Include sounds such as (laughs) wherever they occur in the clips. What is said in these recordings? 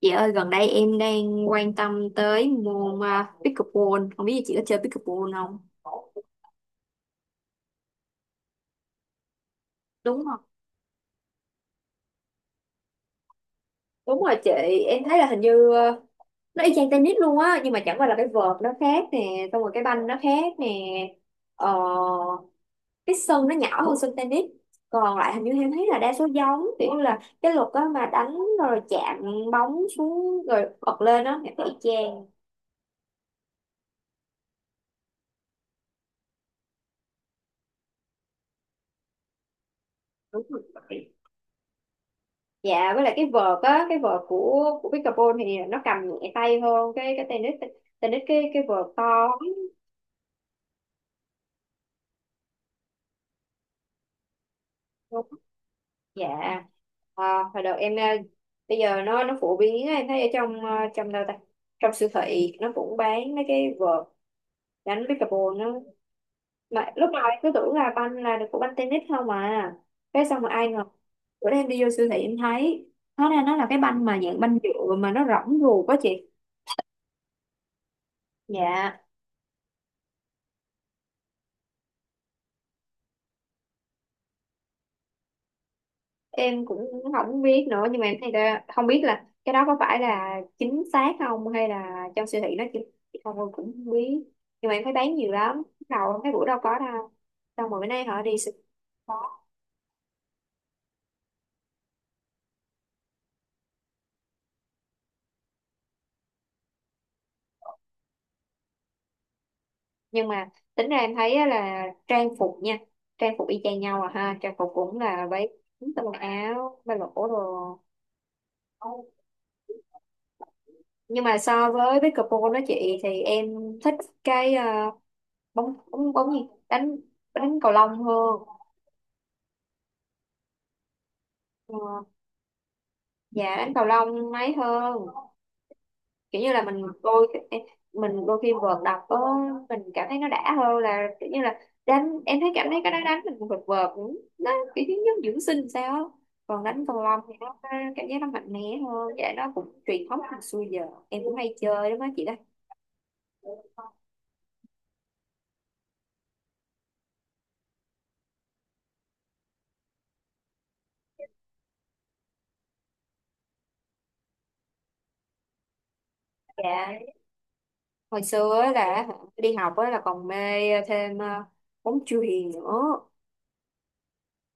Chị ơi, gần đây em đang quan tâm tới môn pickleball. Không biết chị có chơi pickleball không? Đúng không? Đúng rồi chị. Em thấy là hình như nó y chang tennis luôn á, nhưng mà chẳng qua là cái vợt nó khác nè, xong rồi cái banh nó khác nè. ờ, cái sân nó nhỏ hơn sân tennis. Còn lại hình như em thấy là đa số giống, kiểu như là cái luật á, mà đánh rồi chạm bóng xuống rồi bật lên á, em thấy y chang. Đúng rồi. Dạ, với lại cái vợt á, cái vợt của pickleball thì nó cầm nhẹ tay hơn cái tennis. Tennis cái vợt to lắm. Dạ. Hồi đầu em bây giờ nó phổ biến á, em thấy ở trong trong đâu ta, trong siêu thị nó cũng bán mấy cái vợt đánh pickleball nó, mà lúc nào em cứ tưởng là banh là được của banh tennis không, mà cái xong mà ai ngờ bữa nay em đi vô siêu thị em thấy hóa ra nó là cái banh mà dạng banh nhựa mà nó rỗng ruột quá chị. Dạ, em cũng không biết nữa, nhưng mà em thấy là không biết là cái đó có phải là chính xác không, hay là trong siêu thị nó chỉ không, em cũng không biết, nhưng mà em thấy bán nhiều lắm. Đầu cái bữa đâu có đâu, xong rồi bữa nay họ đi siêu- thị có. Nhưng mà tính ra em thấy á là trang phục nha, trang phục y chang nhau à ha, trang phục cũng là váy ngắn, tà quần áo ba lỗ đồ. Nhưng mà so với pickleball đó chị, thì em thích cái bóng bóng bóng gì, đánh, đánh cầu lông hơn. Ờ, dạ đánh cầu lông mấy hơn, kiểu như là mình đôi, mình đôi khi vợt đập có, mình cảm thấy nó đã hơn, là kiểu như là đánh, em thấy cảm thấy cái đó đánh mình vợt vợt cũng- nó kiểu như giống dưỡng sinh sao á. Còn đánh cầu lông thì nó cảm giác nó mạnh mẽ hơn. Dạ, nó cũng truyền thống từ xưa giờ, em cũng hay chơi đúng đó chị đó. Dạ, hồi xưa á là đi học á là còn mê thêm bóng chuyền nữa,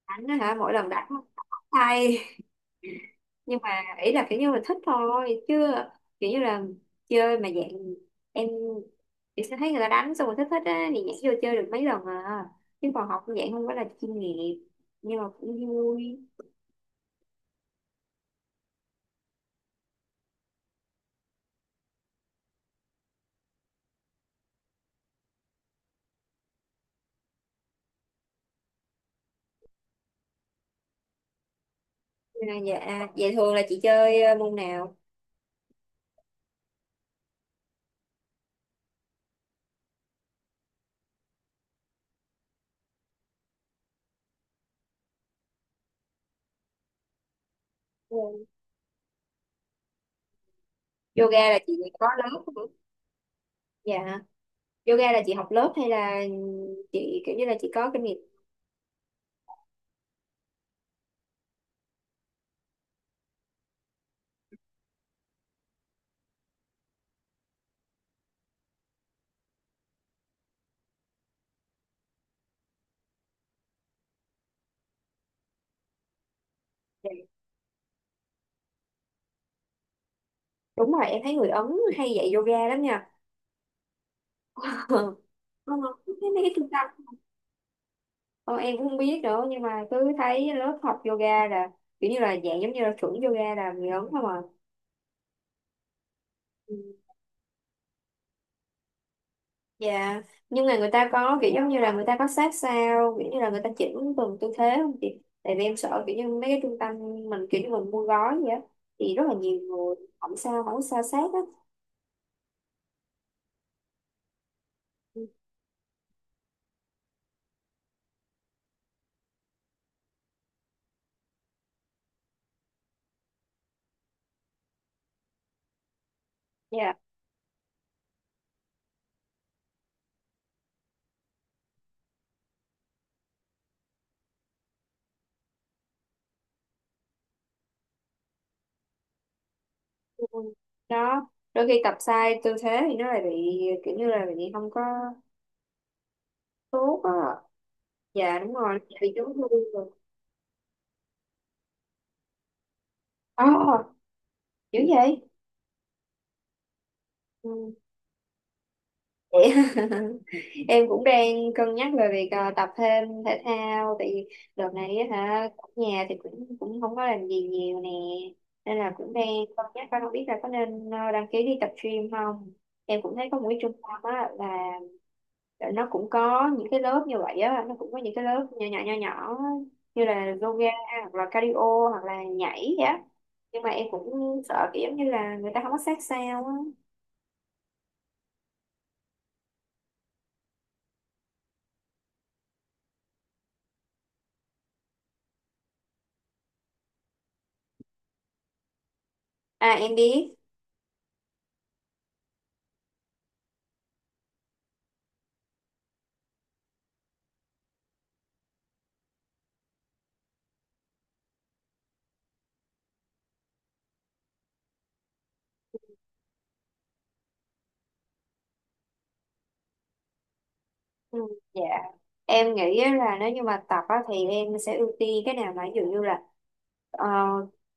đánh á hả, mỗi lần đánh tay, nhưng mà ý là kiểu như là thích thôi chứ, kiểu như là chơi mà dạng em, chị sẽ thấy người ta đánh xong rồi thích thích á thì nhảy vô chơi được mấy lần à, chứ còn học cũng dạng không phải là chuyên nghiệp, nhưng mà cũng vui. Nhưng dạ vậy thường là chị chơi môn nào? Ừ. Yoga là chị có lớp không? Dạ, yoga là chị học lớp, hay là chị kiểu như là chị có kinh nghiệm? Dạ. Đúng rồi, em thấy người Ấn hay dạy yoga lắm nha. (laughs) Ờ, không? Mấy cái trung tâm con em cũng không biết nữa, nhưng mà cứ thấy lớp học yoga là kiểu như là dạng giống như là chuẩn yoga là người lớn không à. Ừ. Dạ, nhưng mà người ta có kiểu giống như là người ta có sát sao, kiểu như là người ta chỉnh từng tư thế không chị? Tại vì em sợ kiểu như mấy cái trung tâm mình kiểu như mình mua gói vậy á, thì rất là nhiều người không sao không sao sát á. Ừ. Dạ. Ừ. Đó, đôi khi tập sai tư thế thì nó lại bị kiểu như là bị không có tốt á. Dạ đúng rồi, bị chấn thương rồi. Ờ, dữ vậy. Ừ. Vậy (laughs) em cũng đang cân nhắc về việc tập thêm thể thao, tại vì đợt này á hả ở nhà thì cũng cũng không có làm gì nhiều nè, nên là cũng đang cân nhắc coi không biết là có nên đăng ký đi tập gym không. Em cũng thấy có một cái trung tâm á là nó cũng có những cái lớp như vậy á, nó cũng có những cái lớp nhỏ nhỏ á, như là yoga hoặc là cardio hoặc là nhảy vậy á, nhưng mà em cũng sợ kiểu giống như là người ta không có sát sao á. À em biết. Ừ, dạ em nghĩ á là nếu như mà tập á, thì em sẽ ưu tiên cái nào mà ví dụ như là ờ,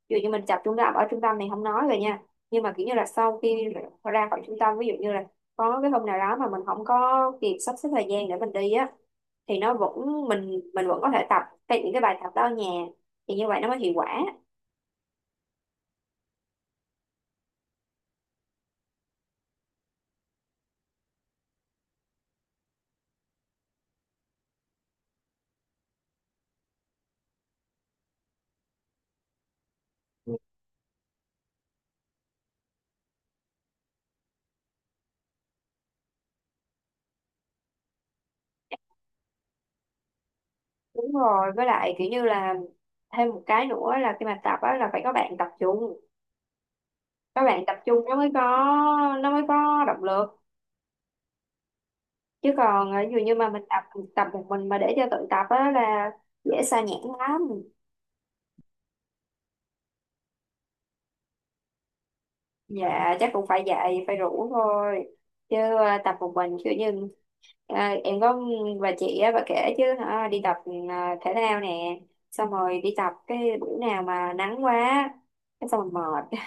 ví dụ như mình tập trung tập ở trung tâm thì không nói rồi nha, nhưng mà kiểu như là sau khi ra khỏi trung tâm, ví dụ như là có cái hôm nào đó mà mình không có kịp sắp xếp thời gian để mình đi á, thì nó vẫn mình vẫn có thể tập cái những cái bài tập đó ở nhà, thì như vậy nó mới hiệu quả. Đúng rồi, với lại kiểu như là thêm một cái nữa là khi mà tập á là phải có bạn tập chung, có bạn tập chung nó mới có, nó mới có động lực, chứ còn ví dụ như mà mình tập tập một mình mà để cho tự tập á là dễ sa nhãn lắm. Dạ chắc cũng phải dạy phải rủ thôi, chứ tập một mình kiểu như ờ, em có bà chị á, bà kể chứ hả đi tập ờ, thể thao nè, xong rồi đi tập cái bữa nào mà nắng quá cái xong rồi mệt,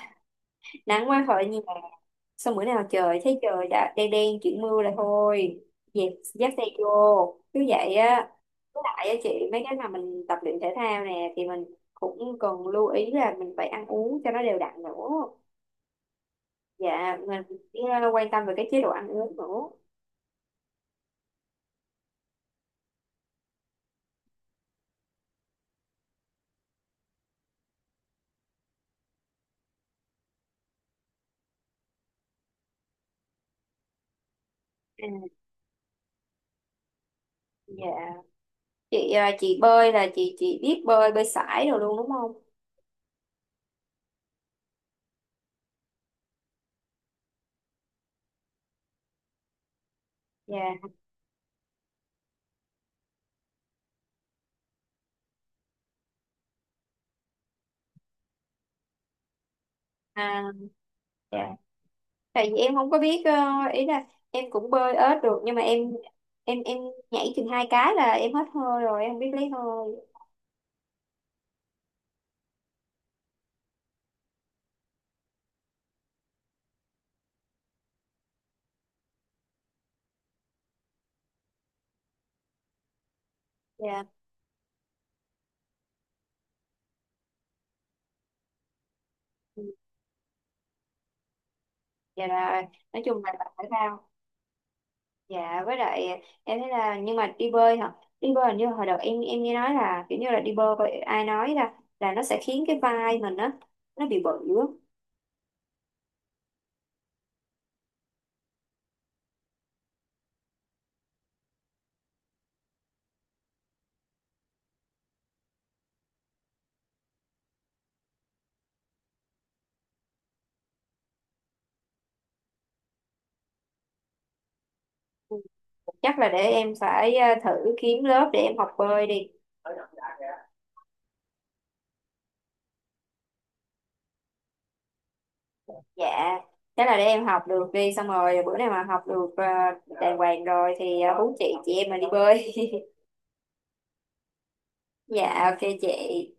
(laughs) nắng quá khỏi nhà, xong bữa nào trời thấy trời đã đen đen chuyển mưa là thôi, dẹp dắt xe vô, cứ vậy á. Tại á chị mấy cái mà mình tập luyện thể thao nè thì mình cũng cần lưu ý là mình phải ăn uống cho nó đều đặn nữa. Dạ mình phải, quan tâm về cái chế độ ăn uống nữa. À, dạ. Chị chị bơi là chị biết bơi, bơi sải rồi luôn đúng không? Dạ. À, dạ. Tại vì em không có biết ý là em cũng bơi ếch được, nhưng mà em nhảy chừng hai cái là em hết hơi rồi, em không biết lấy hơi. Dạ. Ừ, dạ là nói chung là tập thể thao. Dạ với lại em thấy là, nhưng mà đi bơi hả? Đi bơi hình như hồi đầu em nghe nói là kiểu như là đi bơi vậy ai nói ra là nó sẽ khiến cái vai mình á nó bị bự á. Chắc là để em phải thử kiếm lớp để em học bơi đi. Dạ. Thế là để em học được đi, xong rồi bữa nào mà học được đàng hoàng rồi thì hú chị em mình đi bơi. (laughs) Dạ ok chị.